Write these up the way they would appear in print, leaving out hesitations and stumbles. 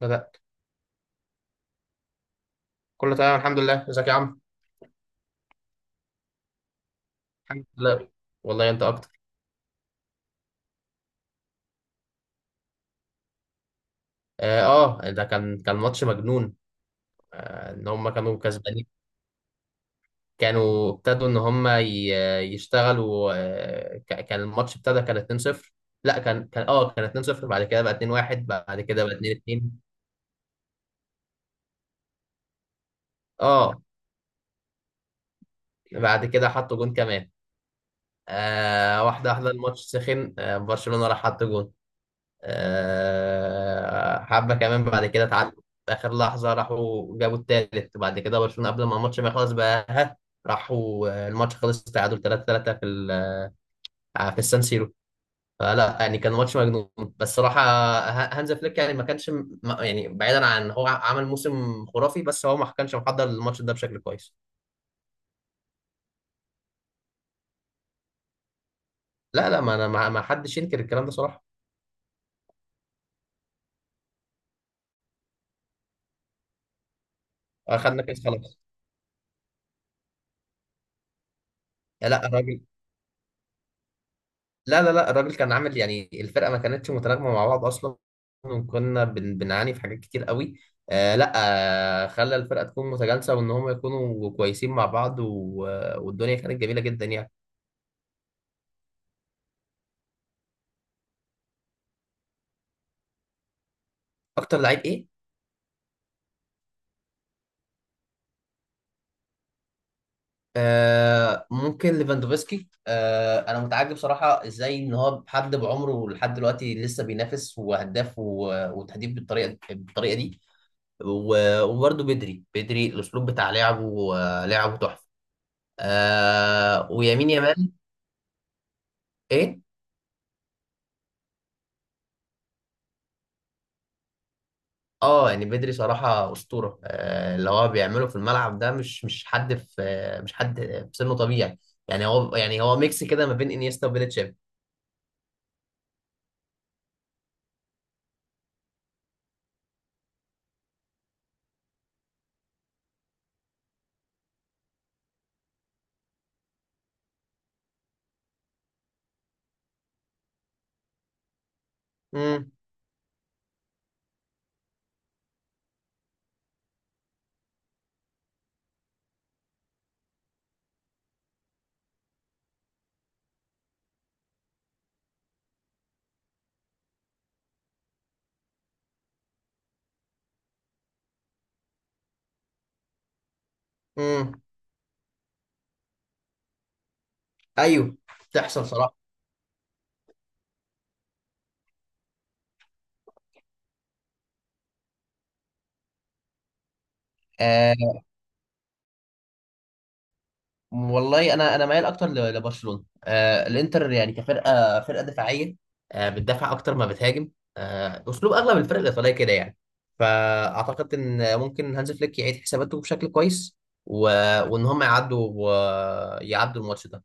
بدأت كله تمام، الحمد لله. ازيك يا عم؟ الحمد لله، والله انت اكتر. ده كان ماتش مجنون. ان هم كانوا كسبانين. كانوا ابتدوا ان هم يشتغلوا. كان الماتش ابتدى كان 2-0. لا، كان 2-0، بعد كده بقى 2-1، بعد كده بقى 2-2. اه بعد كده حطوا جون كمان. واحده واحده الماتش سخن. برشلونة راح حط جون. حبة كمان، بعد كده اتعادلوا في آخر لحظة، راحوا جابوا التالت، بعد كده برشلونة قبل ما الماتش ما يخلص بقى راحوا. الماتش خلص تعادل 3-3 في في السان سيرو. فلا يعني كان ماتش مجنون. بس صراحة هانز فليك يعني ما كانش يعني بعيدا عن هو عمل موسم خرافي، بس هو ما كانش محضر الماتش ده بشكل كويس. لا لا، ما انا ما حدش ينكر الكلام ده صراحة. اخدنا كاس خلاص. لا الراجل لا لا لا، الراجل كان عامل يعني الفرقه ما كانتش متناغمه مع بعض اصلا. وكنا بنعاني في حاجات كتير قوي. لا. خلى الفرقه تكون متجانسه وان هم يكونوا كويسين مع بعض والدنيا كانت جميله جدا يعني. اكتر لعيب ايه؟ ممكن ليفاندوفسكي. انا متعجب صراحه ازاي ان هو حد بعمره لحد دلوقتي لسه بينافس وهداف وتهديف بالطريقه دي. وبرضه بدري، الاسلوب بتاع لعبه، لعبه تحفه. ويمين يامال. ايه؟ اه يعني بدري صراحة أسطورة. اللي هو بيعمله في الملعب ده مش حد في مش حد في سنه طبيعي. يعني هو ميكس كده ما بين انيستا وبيلتشيف. امم. امم. ايوه، بتحصل صراحة. آه، والله انا مايل اكتر لبرشلونه. الانتر يعني فرقه دفاعيه. بتدافع اكتر ما بتهاجم. اسلوب اغلب الفرق الايطاليه كده يعني. فاعتقد ان ممكن هانز فليك يعيد حساباته بشكل كويس، و... وان هم يعدوا الماتش ده.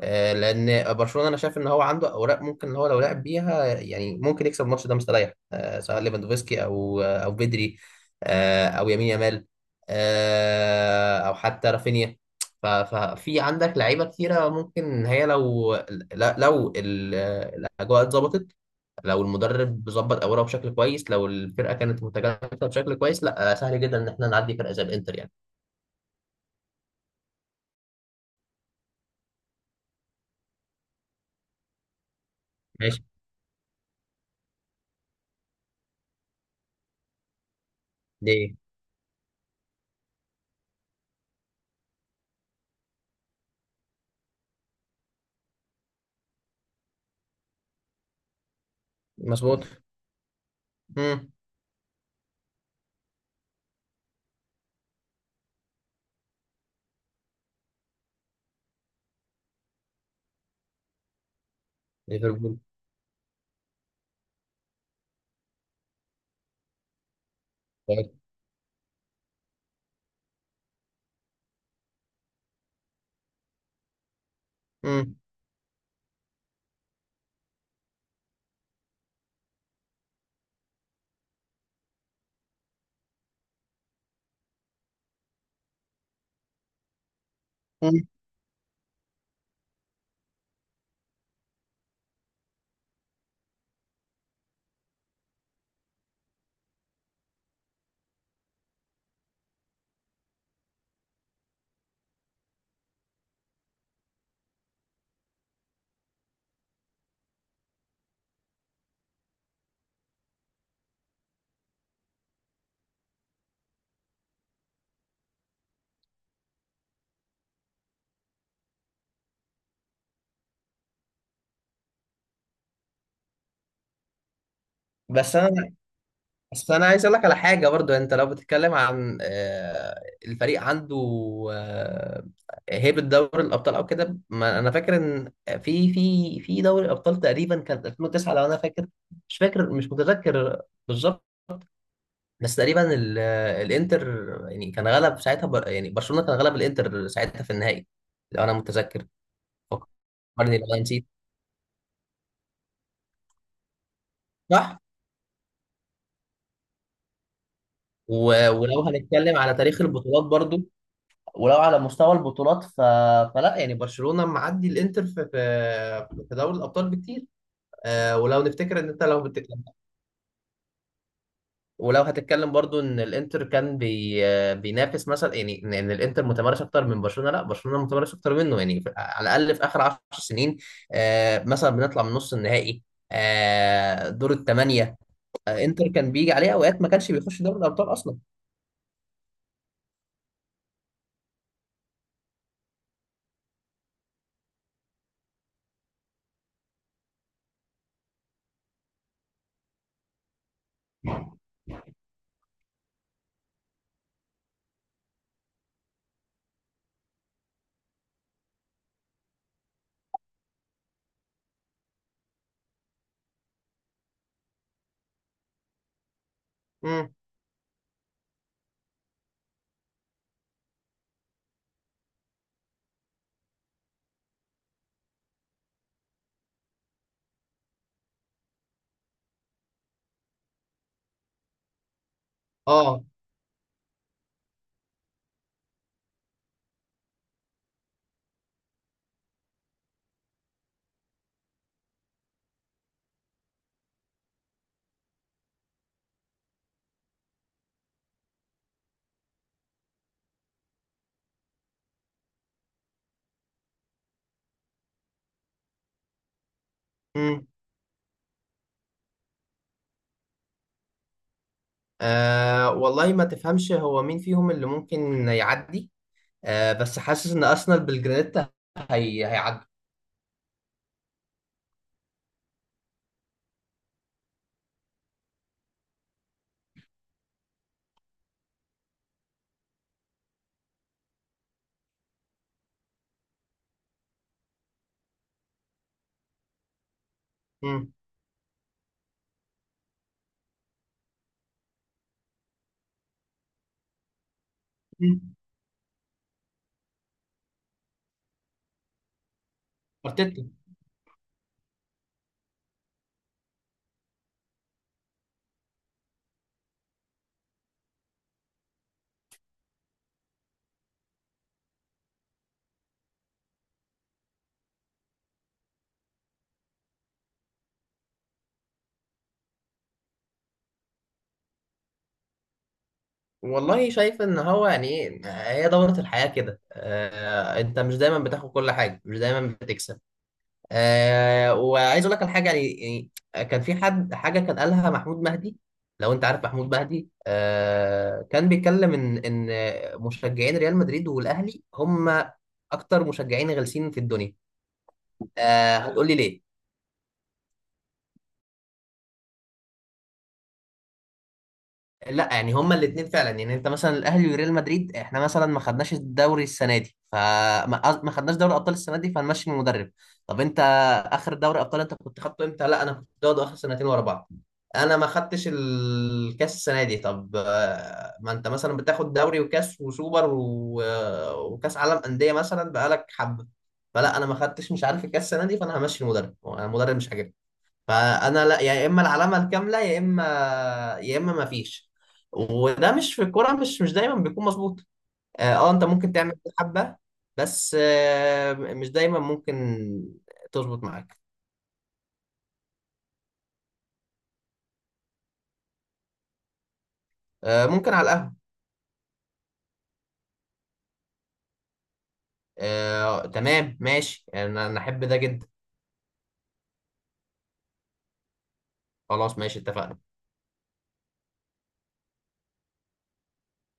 لان برشلونه انا شايف ان هو عنده اوراق ممكن ان هو لو لعب بيها يعني ممكن يكسب الماتش ده مستريح، سواء ليفاندوفسكي او بدري، او يمين يامال، او حتى رافينيا. ففي عندك لعيبه كتيره ممكن هي لو لا- لو ال- الاجواء اتظبطت. لو المدرب ظبط اوراقه بشكل كويس، لو الفرقه كانت متجانسه بشكل كويس، لا، سهل جدا ان احنا نعدي فرقه زي الانتر يعني. ماشي. دي مظبوط. امم. ليفربول. امم. بس انا بس انا عايز اقول لك على حاجه برضو. يعني انت لو بتتكلم عن الفريق عنده آه، هيبه دوري الابطال او كده، ما انا فاكر ان في دوري الابطال تقريبا كانت 2009 لو انا فاكر. مش فاكر مش متذكر بالظبط. بس تقريبا الانتر يعني كان غلب ساعتها، يعني برشلونه كان غلب الانتر ساعتها في النهائي لو انا متذكر. فكرني لو أنا نسيت. صح. ولو هنتكلم على تاريخ البطولات برضو، ولو على مستوى البطولات فلا يعني برشلونة معدي الانتر في دوري الابطال بكتير. ولو نفتكر ان انت ولو هتتكلم برضو ان الانتر كان بي... آه، بينافس مثلا. يعني إن الانتر متمرس اكتر من برشلونة. لا، برشلونة متمرس اكتر منه يعني على الاقل في اخر 10 سنين. مثلا بنطلع من نص النهائي، دور الثمانية. انتر كان بيجي عليه اوقات ما كانش بيخش دوري الابطال اصلا. امم. اه. أه والله ما تفهمش هو مين فيهم اللي ممكن يعدي. أه بس حاسس ان ارسنال بالجرانيتا هي هيعدي. مم. مم. ارتيتا. والله شايف ان هو يعني ايه، هي دورة الحياة كده. أه انت مش دايما بتاخد كل حاجة، مش دايما بتكسب. أه وعايز اقول لك على حاجة يعني. يعني كان في حد حاجة كان قالها محمود مهدي، لو انت عارف محمود مهدي. أه كان بيتكلم ان مشجعين ريال مدريد والاهلي هم اكتر مشجعين غلسين في الدنيا. آه هتقول لي ليه. لا يعني هما الاثنين فعلا. يعني انت مثلا الاهلي وريال مدريد، احنا مثلا ما خدناش الدوري السنه دي، ما خدناش دوري ابطال السنه دي فهنمشي المدرب. طب انت اخر دوري ابطال انت كنت خدته امتى؟ لا، انا كنت واخده اخر سنتين ورا بعض. انا ما خدتش الكاس السنه دي. طب ما انت مثلا بتاخد دوري وكاس وسوبر وكاس عالم انديه مثلا بقالك حبه. فلا انا ما خدتش مش عارف الكاس السنه دي فانا همشي المدرب. انا المدرب مش عاجبني. فانا لا، يا اما العلامه الكامله، يا اما يا اما ما فيش. وده مش في الكوره، مش دايما بيكون مظبوط. انت ممكن تعمل حبه بس مش دايما ممكن تظبط معاك. ممكن على القهوه. تمام ماشي، انا احب ده جدا. خلاص ماشي اتفقنا.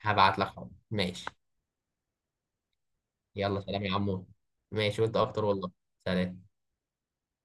هبعت لك حاضر. ماشي. يلا سلام يا عمو. ماشي وانت اكتر والله. سلام.